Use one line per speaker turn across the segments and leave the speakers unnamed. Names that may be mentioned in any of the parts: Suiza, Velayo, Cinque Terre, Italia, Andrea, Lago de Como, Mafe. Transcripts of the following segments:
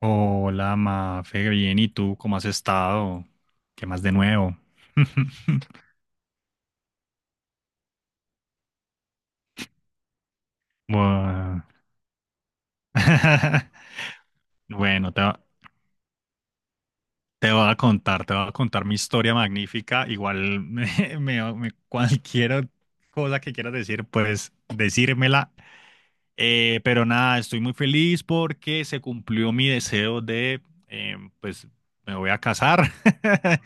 Hola, Mafe, bien, ¿y tú cómo has estado? ¿Qué más de nuevo? Buah. Bueno, te voy a contar, te voy a contar mi historia magnífica. Igual cualquier cosa que quieras decir, pues decírmela. Pero nada, estoy muy feliz porque se cumplió mi deseo de, pues me voy a casar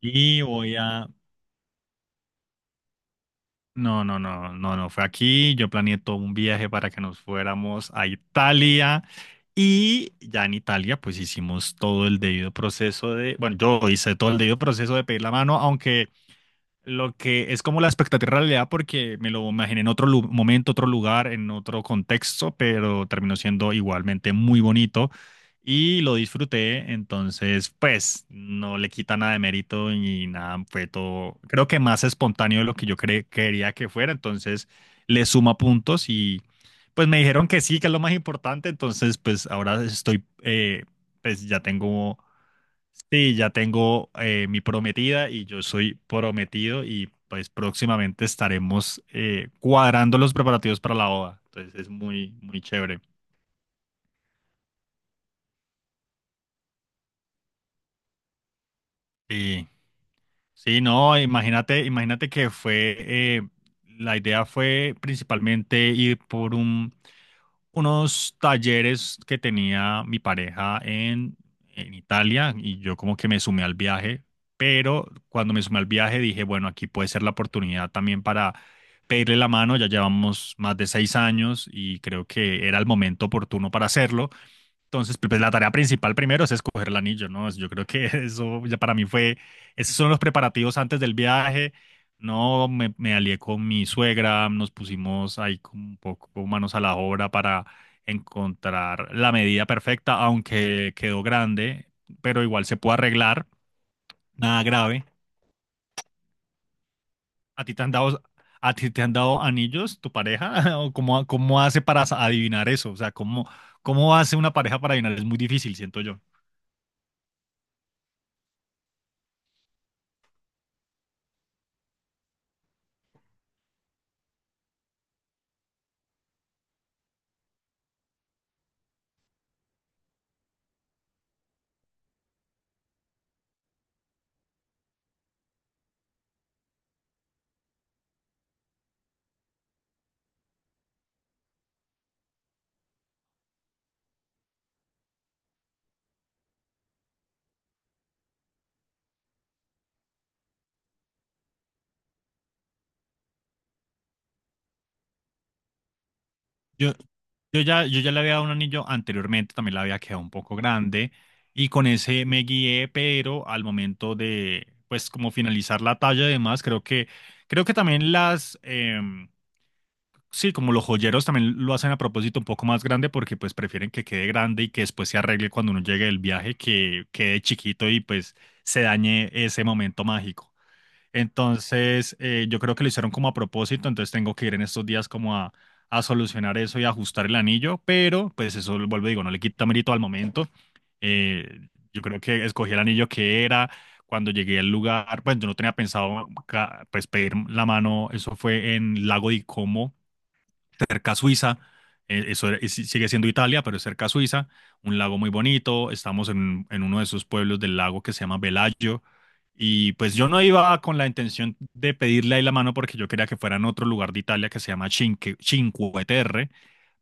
y voy a, No, no, no, no, no fue aquí. Yo planeé todo un viaje para que nos fuéramos a Italia y ya en Italia pues hicimos todo el debido proceso de, bueno, yo hice todo el debido proceso de pedir la mano, aunque lo que es como la expectativa realidad porque me lo imaginé en otro momento, otro lugar, en otro contexto, pero terminó siendo igualmente muy bonito y lo disfruté, entonces pues no le quita nada de mérito ni nada, fue todo, creo que más espontáneo de lo que quería que fuera, entonces le suma puntos y pues me dijeron que sí, que es lo más importante, entonces pues ahora estoy pues ya tengo, sí, ya tengo mi prometida y yo soy prometido y pues próximamente estaremos cuadrando los preparativos para la boda. Entonces es muy, muy chévere. Y sí, no, imagínate, imagínate que fue, eh, la idea fue principalmente ir por un, unos talleres que tenía mi pareja en Italia y yo como que me sumé al viaje, pero cuando me sumé al viaje dije, bueno, aquí puede ser la oportunidad también para pedirle la mano, ya llevamos más de seis años y creo que era el momento oportuno para hacerlo. Entonces, pues, la tarea principal primero es escoger el anillo, ¿no? Yo creo que eso ya para mí fue, esos son los preparativos antes del viaje. No, me alié con mi suegra, nos pusimos ahí como un poco manos a la obra para encontrar la medida perfecta, aunque quedó grande, pero igual se puede arreglar, nada grave. ¿A ti te han dado, a ti te han dado anillos, tu pareja? ¿O cómo, cómo hace para adivinar eso? O sea, ¿cómo, cómo hace una pareja para adivinar? Es muy difícil, siento yo. Yo, yo ya le había dado un anillo anteriormente, también le había quedado un poco grande y con ese me guié, pero al momento de, pues, como finalizar la talla y demás, creo que también sí, como los joyeros también lo hacen a propósito un poco más grande porque, pues, prefieren que quede grande y que después se arregle cuando uno llegue del viaje, que quede chiquito y, pues, se dañe ese momento mágico. Entonces, yo creo que lo hicieron como a propósito, entonces tengo que ir en estos días como a solucionar eso y ajustar el anillo, pero pues eso, vuelvo y digo, no le quita mérito al momento. Eh, yo creo que escogí el anillo que era. Cuando llegué al lugar, pues yo no tenía pensado pues, pedir la mano, eso fue en Lago de Como cerca a Suiza, sí, sigue siendo Italia, pero es cerca a Suiza, un lago muy bonito, estamos en uno de esos pueblos del lago que se llama Velayo, y pues yo no iba con la intención de pedirle ahí la mano porque yo quería que fuera en otro lugar de Italia que se llama Cinque Terre,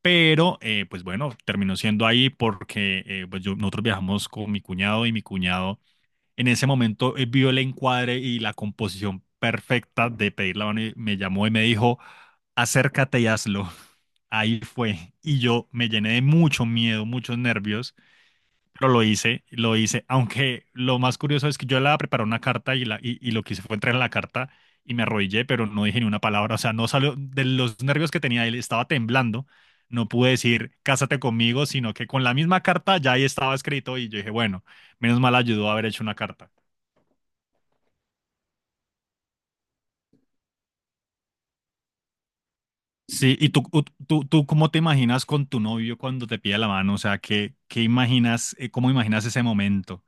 pero pues bueno, terminó siendo ahí porque pues nosotros viajamos con mi cuñado y mi cuñado en ese momento vio el encuadre y la composición perfecta de pedir la mano y me llamó y me dijo, acércate y hazlo ahí fue. Y yo me llené de mucho miedo, muchos nervios, pero lo hice, lo hice. Aunque lo más curioso es que yo la preparé una carta y lo que hice fue entrar en la carta y me arrodillé, pero no dije ni una palabra. O sea, no salió de los nervios que tenía, él estaba temblando. No pude decir, cásate conmigo, sino que con la misma carta ya ahí estaba escrito y yo dije, bueno, menos mal ayudó a haber hecho una carta. Sí, ¿y tú cómo te imaginas con tu novio cuando te pide la mano? O sea, ¿qué, qué imaginas, cómo imaginas ese momento?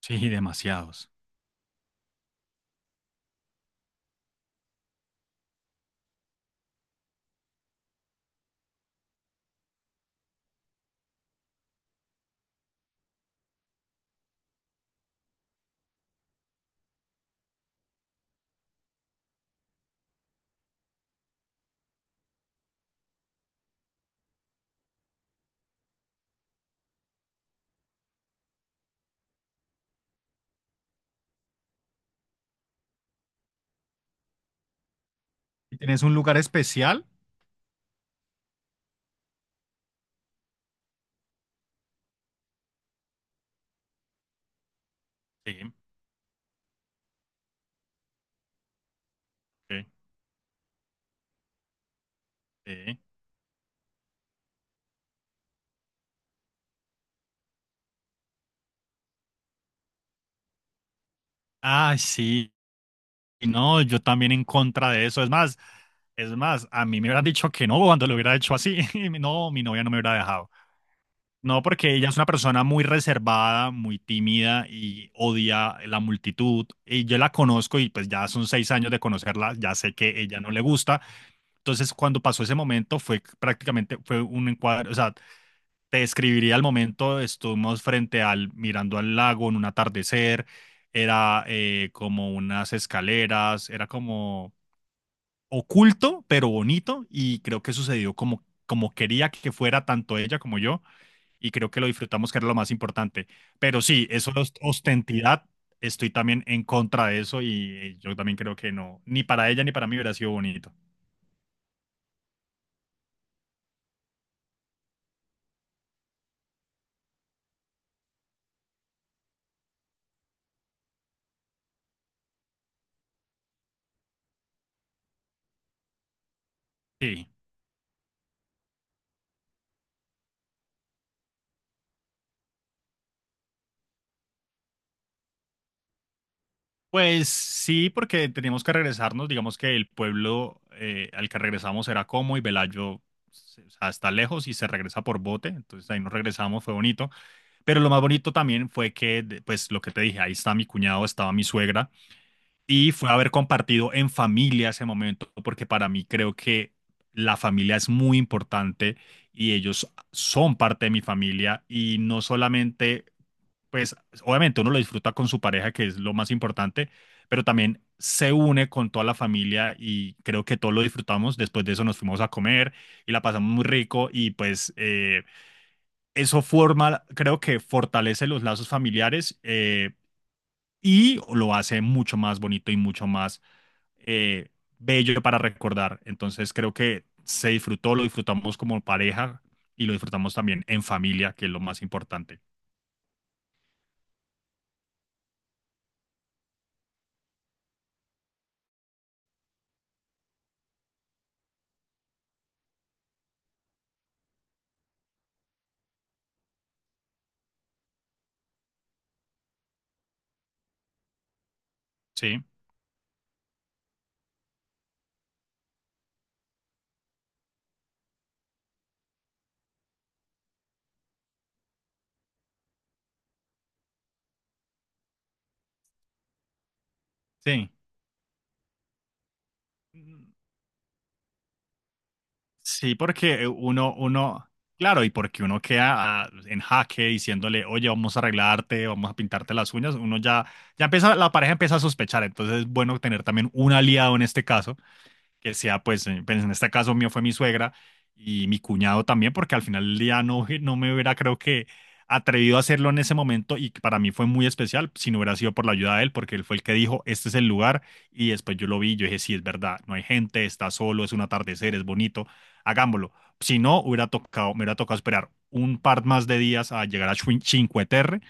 Sí, demasiados. ¿Y tienes un lugar especial? Sí, sí, sí. Ah, sí. No, yo también en contra de eso. Es más, a mí me hubieran dicho que no cuando lo hubiera hecho así. No, mi novia no me hubiera dejado. No, porque ella es una persona muy reservada, muy tímida y odia la multitud. Y yo la conozco y pues ya son seis años de conocerla, ya sé que ella no le gusta. Entonces, cuando pasó ese momento fue prácticamente, fue un encuadre, o sea, te describiría el momento, estuvimos frente al, mirando al lago en un atardecer, era como unas escaleras, era como oculto, pero bonito, y creo que sucedió como, como quería que fuera tanto ella como yo, y creo que lo disfrutamos, que era lo más importante. Pero sí, eso es ostentidad, estoy también en contra de eso, y yo también creo que no, ni para ella ni para mí hubiera sido bonito. Sí. Pues sí, porque teníamos que regresarnos. Digamos que el pueblo al que regresamos era Como y Velayo, o sea, está lejos y se regresa por bote. Entonces ahí nos regresamos, fue bonito. Pero lo más bonito también fue que, pues lo que te dije, ahí está mi cuñado, estaba mi suegra y fue haber compartido en familia ese momento, porque para mí creo que la familia es muy importante y ellos son parte de mi familia y no solamente pues obviamente uno lo disfruta con su pareja, que es lo más importante, pero también se une con toda la familia y creo que todos lo disfrutamos. Después de eso nos fuimos a comer y la pasamos muy rico y pues eso forma, creo que fortalece los lazos familiares y lo hace mucho más bonito y mucho más eh, bello para recordar. Entonces creo que se disfrutó, lo disfrutamos como pareja y lo disfrutamos también en familia, que es lo más importante. Sí, sí. Sí, porque uno, claro, y porque uno queda ah, en jaque diciéndole, oye, vamos a arreglarte, vamos a pintarte las uñas, ya empieza, la pareja empieza a sospechar, entonces es bueno tener también un aliado en este caso que sea, pues, en este caso mío fue mi suegra y mi cuñado también, porque al final del día no, no me hubiera, atrevido a hacerlo en ese momento y que para mí fue muy especial si no hubiera sido por la ayuda de él, porque él fue el que dijo, este es el lugar y después yo lo vi, y yo dije, sí, es verdad, no hay gente, está solo, es un atardecer, es bonito, hagámoslo. Si no, hubiera tocado, me hubiera tocado esperar un par más de días a llegar a Cinque Terre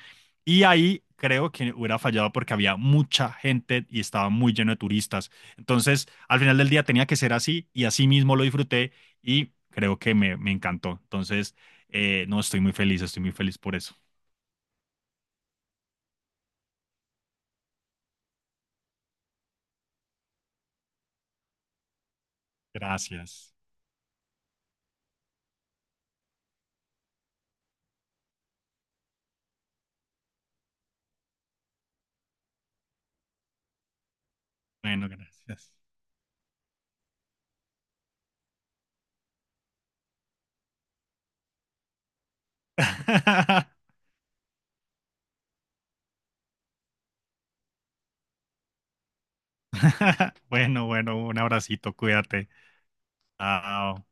y ahí creo que hubiera fallado porque había mucha gente y estaba muy lleno de turistas. Entonces, al final del día tenía que ser así y así mismo lo disfruté y creo que me encantó. Entonces, no, estoy muy feliz por eso. Gracias. Bueno, gracias. Bueno, bueno, un abracito, cuídate. Chao.